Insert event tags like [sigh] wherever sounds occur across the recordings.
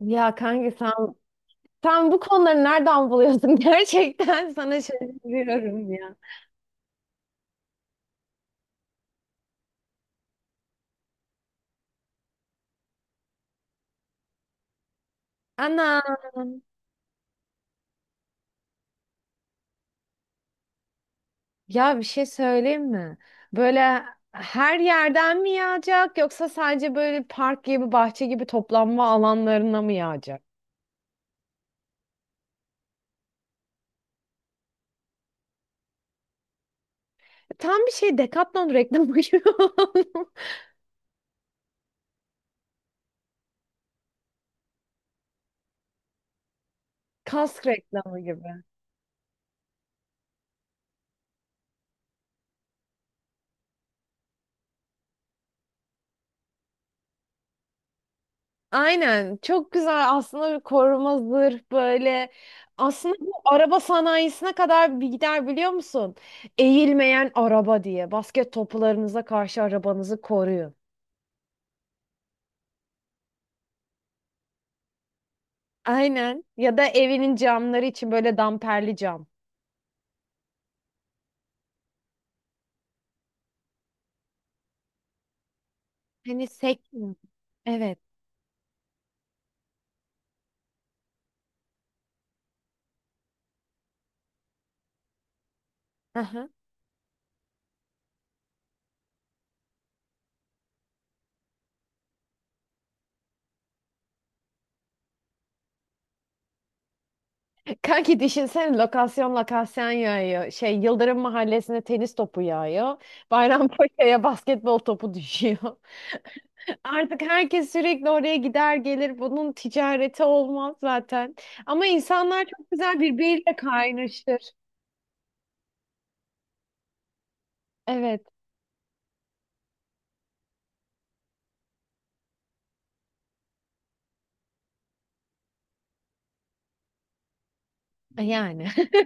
Ya kanka sen bu konuları nereden buluyorsun? [laughs] Gerçekten sana şaşırıyorum ya. Ana. Ya bir şey söyleyeyim mi? Böyle her yerden mi yağacak yoksa sadece böyle park gibi, bahçe gibi toplanma alanlarına mı yağacak? Tam bir şey Decathlon reklamı gibi. [laughs] oldu. Kask reklamı gibi. Aynen çok güzel aslında bir koruma zırh böyle aslında bu araba sanayisine kadar bir gider biliyor musun? Eğilmeyen araba diye basket toplarınıza karşı arabanızı koruyun. Aynen ya da evinin camları için böyle damperli cam. Hani sekmiyor. Evet. Aha. Kanki düşünsene lokasyon lokasyon yağıyor. Şey Yıldırım Mahallesi'ne tenis topu yağıyor. Bayrampaşa'ya basketbol topu düşüyor. [laughs] Artık herkes sürekli oraya gider gelir. Bunun ticareti olmaz zaten. Ama insanlar çok güzel birbiriyle kaynaşır. Evet. Yani. [laughs]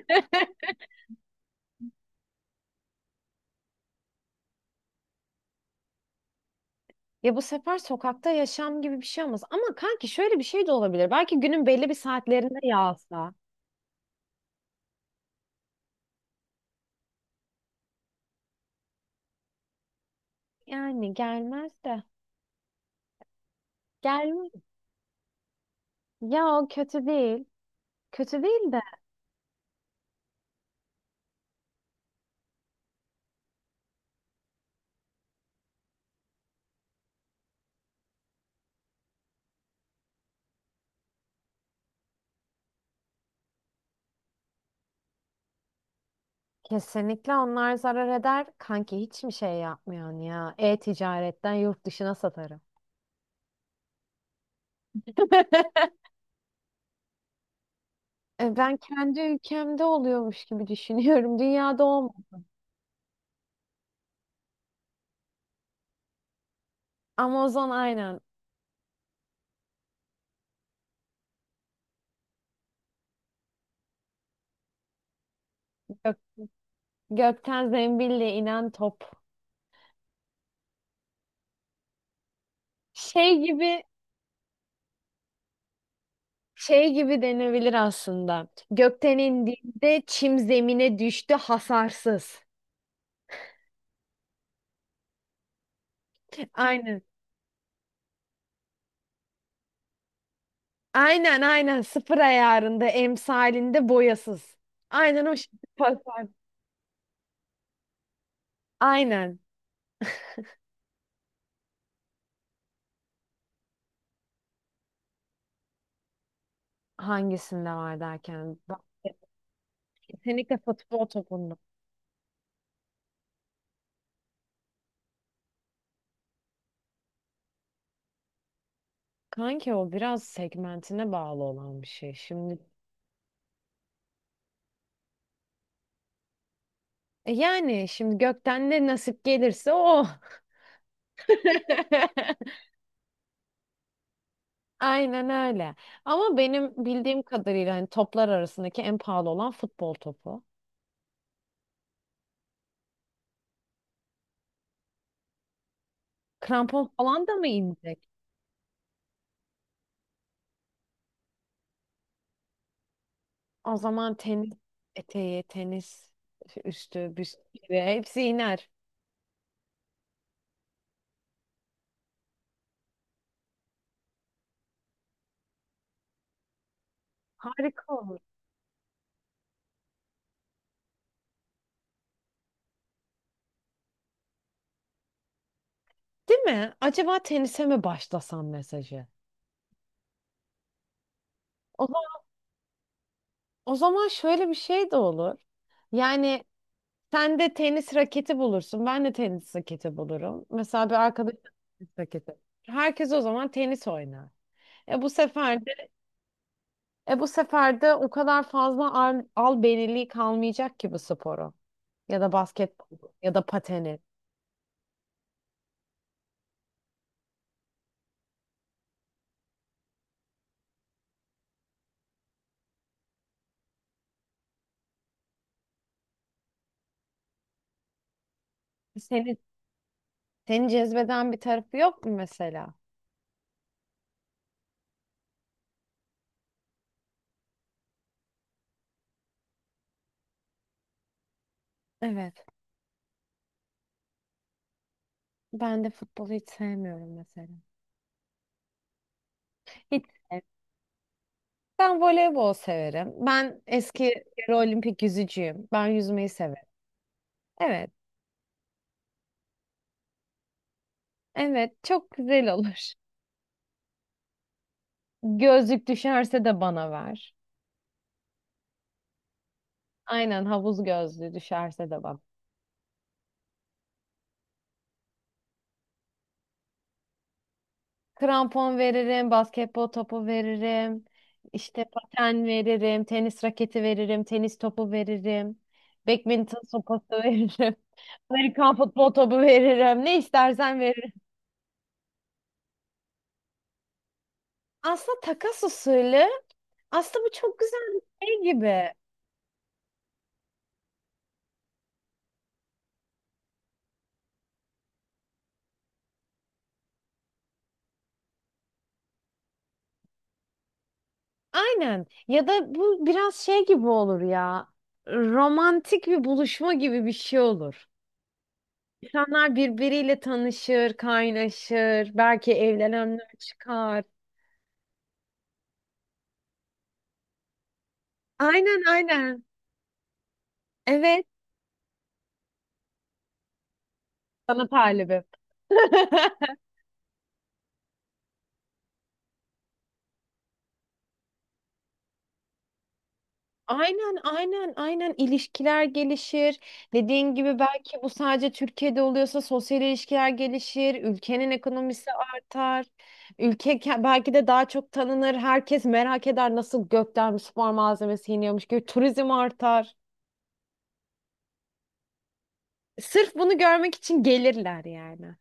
Ya bu sefer sokakta yaşam gibi bir şey olmaz. Ama kanki şöyle bir şey de olabilir. Belki günün belli bir saatlerinde yağsa. Yani gelmez de. Gelmez. Ya o kötü değil. Kötü değil de. Kesinlikle onlar zarar eder. Kanki hiç mi şey yapmıyorsun ya? E-ticaretten yurt dışına satarım. [laughs] Ben kendi ülkemde oluyormuş gibi düşünüyorum. [laughs] Dünyada olmaz. Amazon aynen. Gök- Gökten zembille inen top. Şey gibi şey gibi denebilir aslında. Gökten indiğinde çim zemine düştü hasarsız. Aynen. Aynen aynen sıfır ayarında emsalinde boyasız. Aynen o şekilde [laughs] paslar. Aynen. Hangisinde var derken. Bak, kesinlikle futbol topunda. Kanki o biraz segmentine bağlı olan bir şey. Şimdi. Yani şimdi gökten ne nasip gelirse o. [laughs] Aynen öyle. Ama benim bildiğim kadarıyla hani toplar arasındaki en pahalı olan futbol topu. Krampon falan da mı inecek? O zaman tenis eteği, tenis üstü, büstü hepsi iner. Harika olur. Değil mi? Acaba tenise mi başlasam mesajı? O zaman, o zaman, şöyle bir şey de olur. Yani sen de tenis raketi bulursun. Ben de tenis raketi bulurum. Mesela bir arkadaşım tenis raketi. Herkes o zaman tenis oynar. E bu sefer de, bu sefer de o kadar fazla albeniliği kalmayacak ki bu sporu. Ya da basketbol ya da pateni. Seni, seni cezbeden bir tarafı yok mu mesela? Evet. Ben de futbolu hiç sevmiyorum mesela. Hiç sevmiyorum. Ben voleybol severim. Ben eski yarı olimpik yüzücüyüm. Ben yüzmeyi severim. Evet, evet çok güzel olur. Gözlük düşerse de bana ver. Aynen havuz gözlüğü düşerse de bana. Krampon veririm, basketbol topu veririm, işte paten veririm, tenis raketi veririm, tenis topu veririm, badminton sopası [laughs] veririm, Amerikan futbol topu veririm, ne istersen veririm. Aslında takas usulü aslında bu çok güzel bir şey gibi. Aynen. Ya da bu biraz şey gibi olur ya. Romantik bir buluşma gibi bir şey olur. İnsanlar birbiriyle tanışır, kaynaşır, belki evlenenler çıkar. Aynen aynen. Evet. Sana talibim. [laughs] Aynen aynen aynen ilişkiler gelişir. Dediğin gibi belki bu sadece Türkiye'de oluyorsa sosyal ilişkiler gelişir, ülkenin ekonomisi artar. Belki de daha çok tanınır. Herkes merak eder nasıl gökten bir spor malzemesi yeniyormuş gibi turizm artar. Sırf bunu görmek için gelirler yani.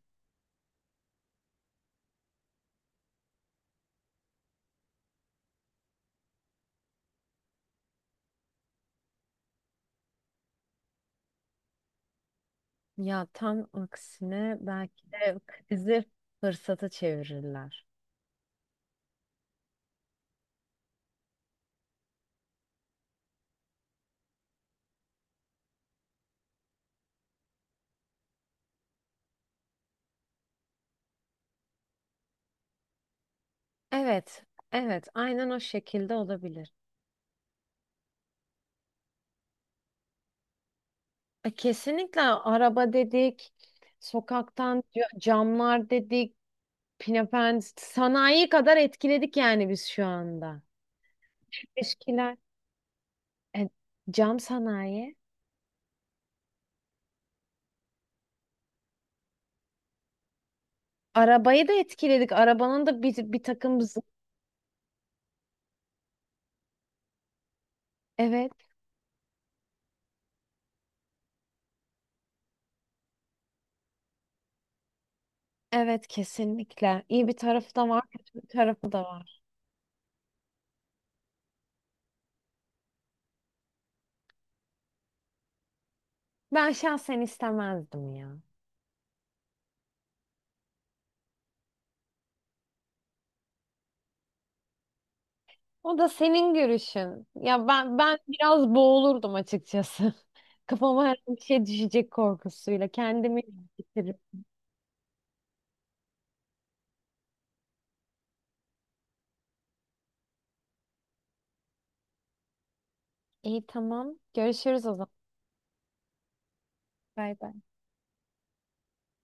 Ya tam aksine belki de krizi fırsata çevirirler. Evet, evet, aynen o şekilde olabilir. Kesinlikle araba dedik, sokaktan camlar dedik, pinapen sanayi kadar etkiledik yani biz şu anda. Eskiler. E, Cam sanayi. Arabayı da etkiledik. Arabanın da bir takım Evet, evet kesinlikle. İyi bir tarafı da var, kötü bir tarafı da var. Ben şahsen istemezdim ya. O da senin görüşün. Ya ben biraz boğulurdum açıkçası. [laughs] Kafama her bir şey düşecek korkusuyla kendimi. İyi, tamam. Görüşürüz o zaman. Bay bay.